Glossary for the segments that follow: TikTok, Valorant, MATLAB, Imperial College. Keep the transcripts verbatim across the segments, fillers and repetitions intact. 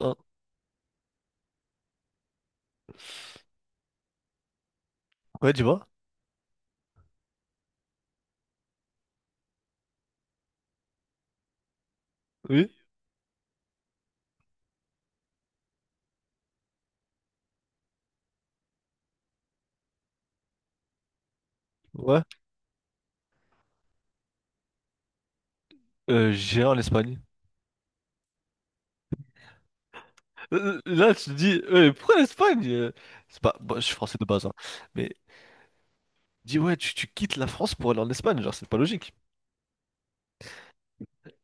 Hein. Ouais, dis-moi. Oui. Ouais. Euh, j'irai en Espagne. Euh, Là, tu te dis, euh, pourquoi l'Espagne? Euh, C'est pas... bon, je suis français de base, hein. Mais dis, ouais, tu, tu quittes la France pour aller en Espagne, genre, c'est pas logique.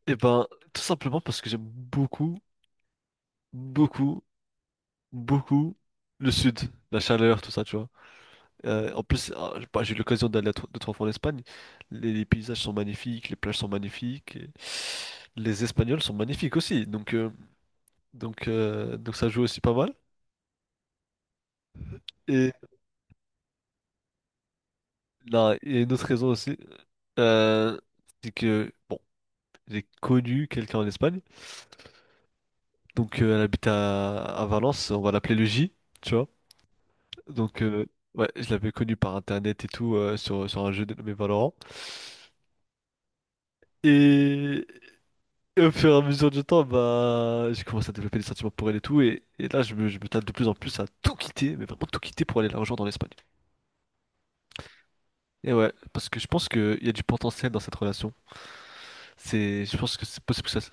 Eh ben, tout simplement parce que j'aime beaucoup, beaucoup, beaucoup le sud, la chaleur, tout ça, tu vois. Euh, en plus, euh, j'ai bah, j'ai eu l'occasion d'aller à tro- deux, trois fois en Espagne. Les, les paysages sont magnifiques, les plages sont magnifiques, et les Espagnols sont magnifiques aussi. Donc, euh, donc, euh, donc ça joue aussi pas mal. Non, il y a une autre raison aussi. Euh, c'est que, bon, j'ai connu quelqu'un en Espagne. Donc, euh, elle habite à, à Valence. On va l'appeler le J, tu vois. Donc, euh, ouais, je l'avais connu par internet et tout, euh, sur, sur un jeu dénommé Valorant. Et, et au fur et à mesure du temps, bah, j'ai commencé à développer des sentiments pour elle et tout. Et, et là, je me, je me tâte de plus en plus à tout quitter, mais vraiment tout quitter pour aller la rejoindre en Espagne. Et ouais, parce que je pense qu'il y a du potentiel dans cette relation. C'est, je pense que c'est possible que ça.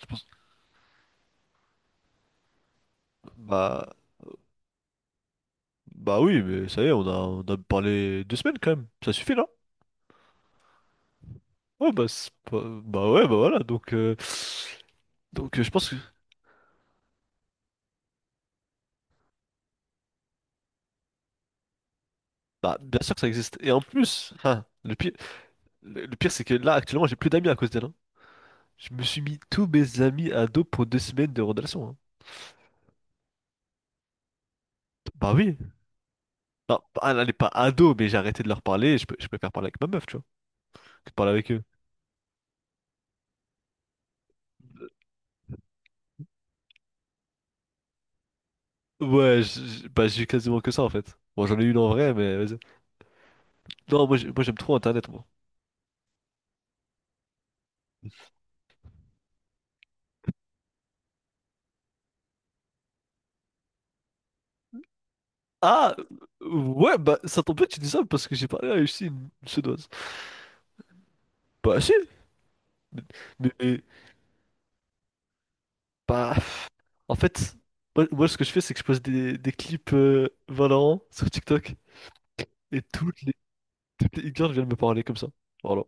Je pense, bah, bah oui, mais ça y est, on a, on a parlé deux semaines quand même. Ça suffit là? Ouais, bah, c'est pas- bah ouais, bah voilà. Donc, euh, donc euh, je pense que. Bah, bien sûr que ça existe. Et en plus, ah, le pire, le, le pire, c'est que là, actuellement, j'ai plus d'amis à cause d'elle, hein. Je me suis mis tous mes amis ados pour deux semaines de relation, hein. Bah oui. Non, bah, elle n'est pas ado, mais j'ai arrêté de leur parler. Et Je, peux- je préfère parler avec ma meuf, tu vois, que de parler avec eux. Ouais, je- je- bah, j'ai eu quasiment que ça en fait. Bon, j'en ai une en vrai, mais vas-y. Non, moi j'ai- moi, j'aime trop Internet, moi. Ah, ouais, bah, ça tombe bien que tu dis ça parce que j'ai parlé à aussi une une Suédoise. Bah, si, mais, mais- mais- bah, en fait, moi, moi, ce que je fais, c'est que je pose des, des clips euh, Valorant sur TikTok et toutes les, toutes les e-girls viennent me parler comme ça. Voilà.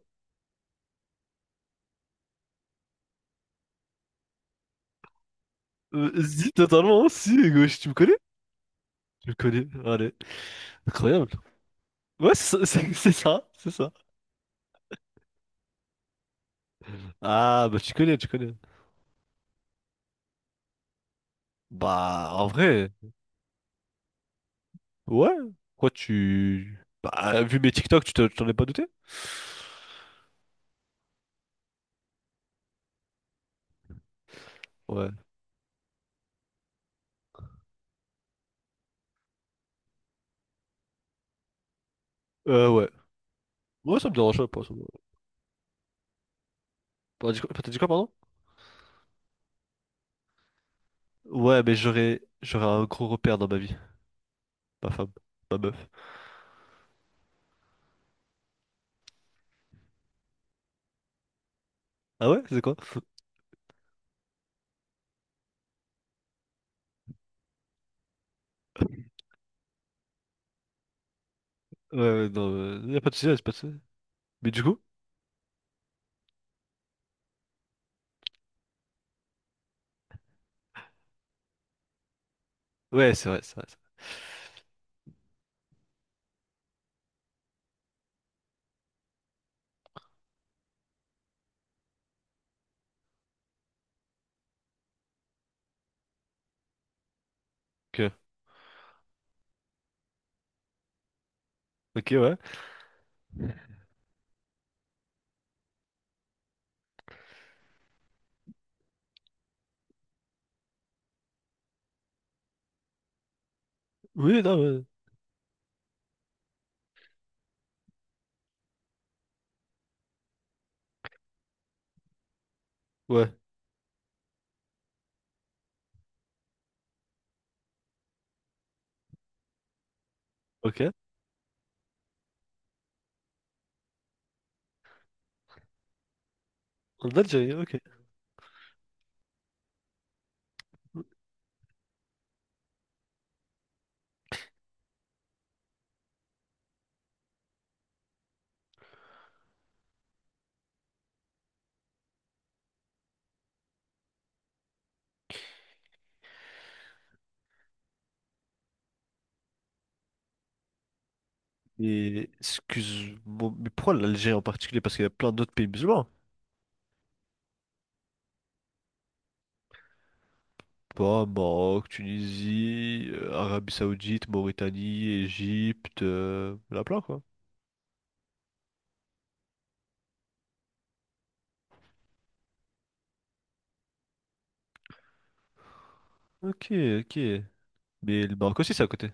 Euh, si, totalement, si, gauche, tu me connais? Tu me connais, allez, incroyable. Ouais, c'est c'est- c'est ça, c'est ça. Ah, bah, tu connais, tu connais. Bah, en vrai, ouais, quoi, tu. Bah, vu mes TikTok, tu te- t'en es pas douté? Ouais. Euh, ouais. Ouais, ça me dérangerait pas. ça me- T'as dit quoi, t'as dit quoi, pardon? Ouais, mais j'aurais j'aurais un gros repère dans ma vie. Ma femme. Ma meuf. Ah ouais? C'est quoi? Ouais, ouais, non, euh, y a pas de soucis, y a pas de soucis. Mais du coup? Ouais, c'est vrai, c'est vrai. C'est vrai. Ok. Ok, ouais. Oui, non, ouais. Ouais. Ok. En Algérie, ok. Et excuse-moi, mais pourquoi l'Algérie en particulier? Parce qu'il y a plein d'autres pays musulmans, hein. Pas Maroc, Tunisie, euh, Arabie Saoudite, Mauritanie, Égypte, euh, il y en a plein quoi. Ok, ok. Mais le Maroc aussi, c'est à côté.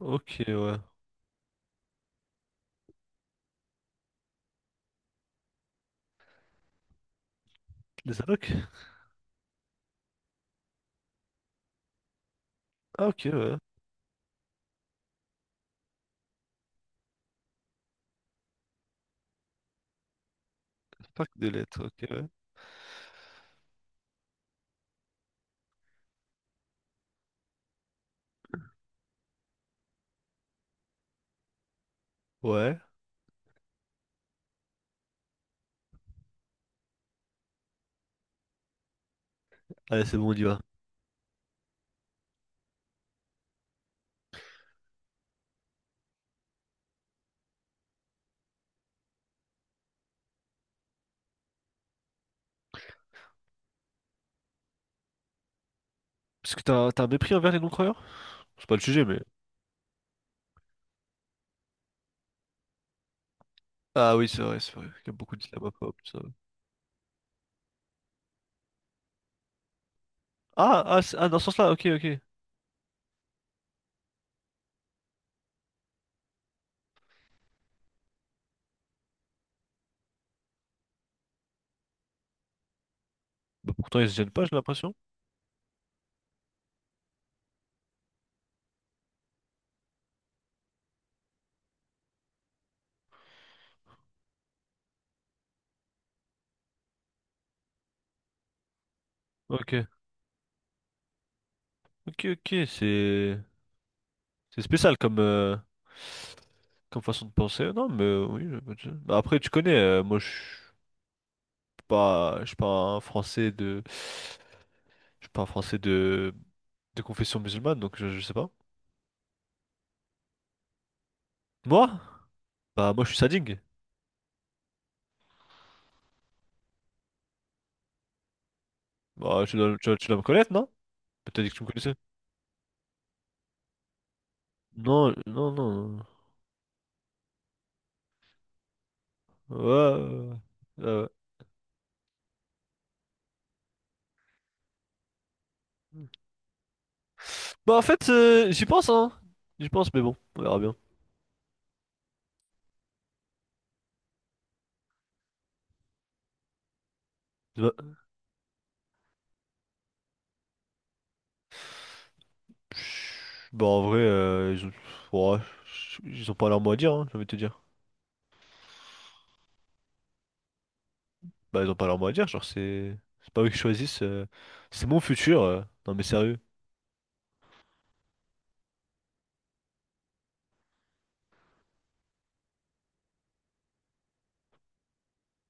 Ok, ouais. Les allocs? Ah, ok, ouais. Pack de lettres, ok, ouais. Ouais. Allez, c'est bon, on y va. Parce que t'as t'as un mépris envers les non-croyants? C'est pas le sujet, mais. Ah oui, c'est vrai, c'est vrai. Il y a beaucoup d'islamophobes, tout ça, ouais. Ah, ah, c'est- ah, dans ce sens-là, ok, ok. Bah, pourtant, ils se gênent pas, j'ai l'impression. Ok. Ok, ok, c'est. C'est spécial comme. euh, Comme façon de penser. Non, mais euh, oui, je- je- bah, après, tu connais, euh, moi, je suis pas. Je suis pas un Français de. Je suis pas un Français de, de confession musulmane, donc je, je sais pas. Moi? Bah, moi, je suis sadique. Bah, tu dois, tu, dois tu dois me connaître, non? Peut-être que tu me connaissais. Non, non, non. Ouais, ouais, ouais. Ouais, ouais. Bah, en fait, euh, j'y pense, hein. J'y pense, mais bon, on verra bien. Bah, pff, bah, en vrai, euh, ils ont, ouais, ils ont pas leur mot à dire, hein, j'ai envie de te dire. Bah, ils ont pas leur mot à dire, genre, c'est c'est pas eux qui choisissent. euh, C'est mon futur. euh. Non, mais sérieux.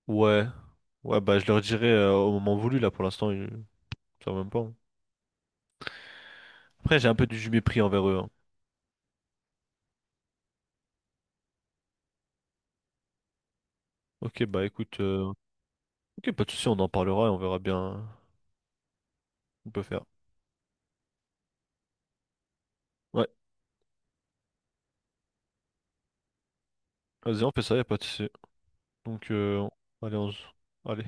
Ouais. Ouais, bah, je leur dirai euh, au moment voulu, là, pour l'instant. Quand même pas, hein. Après, j'ai un peu du mépris envers eux, hein. Ok, bah écoute, euh, ok, pas de souci, on en parlera et on verra bien ce qu'on peut faire. Ouais, vas-y, on fait ça, y a pas de souci. Donc, euh, Allez, on se- allez.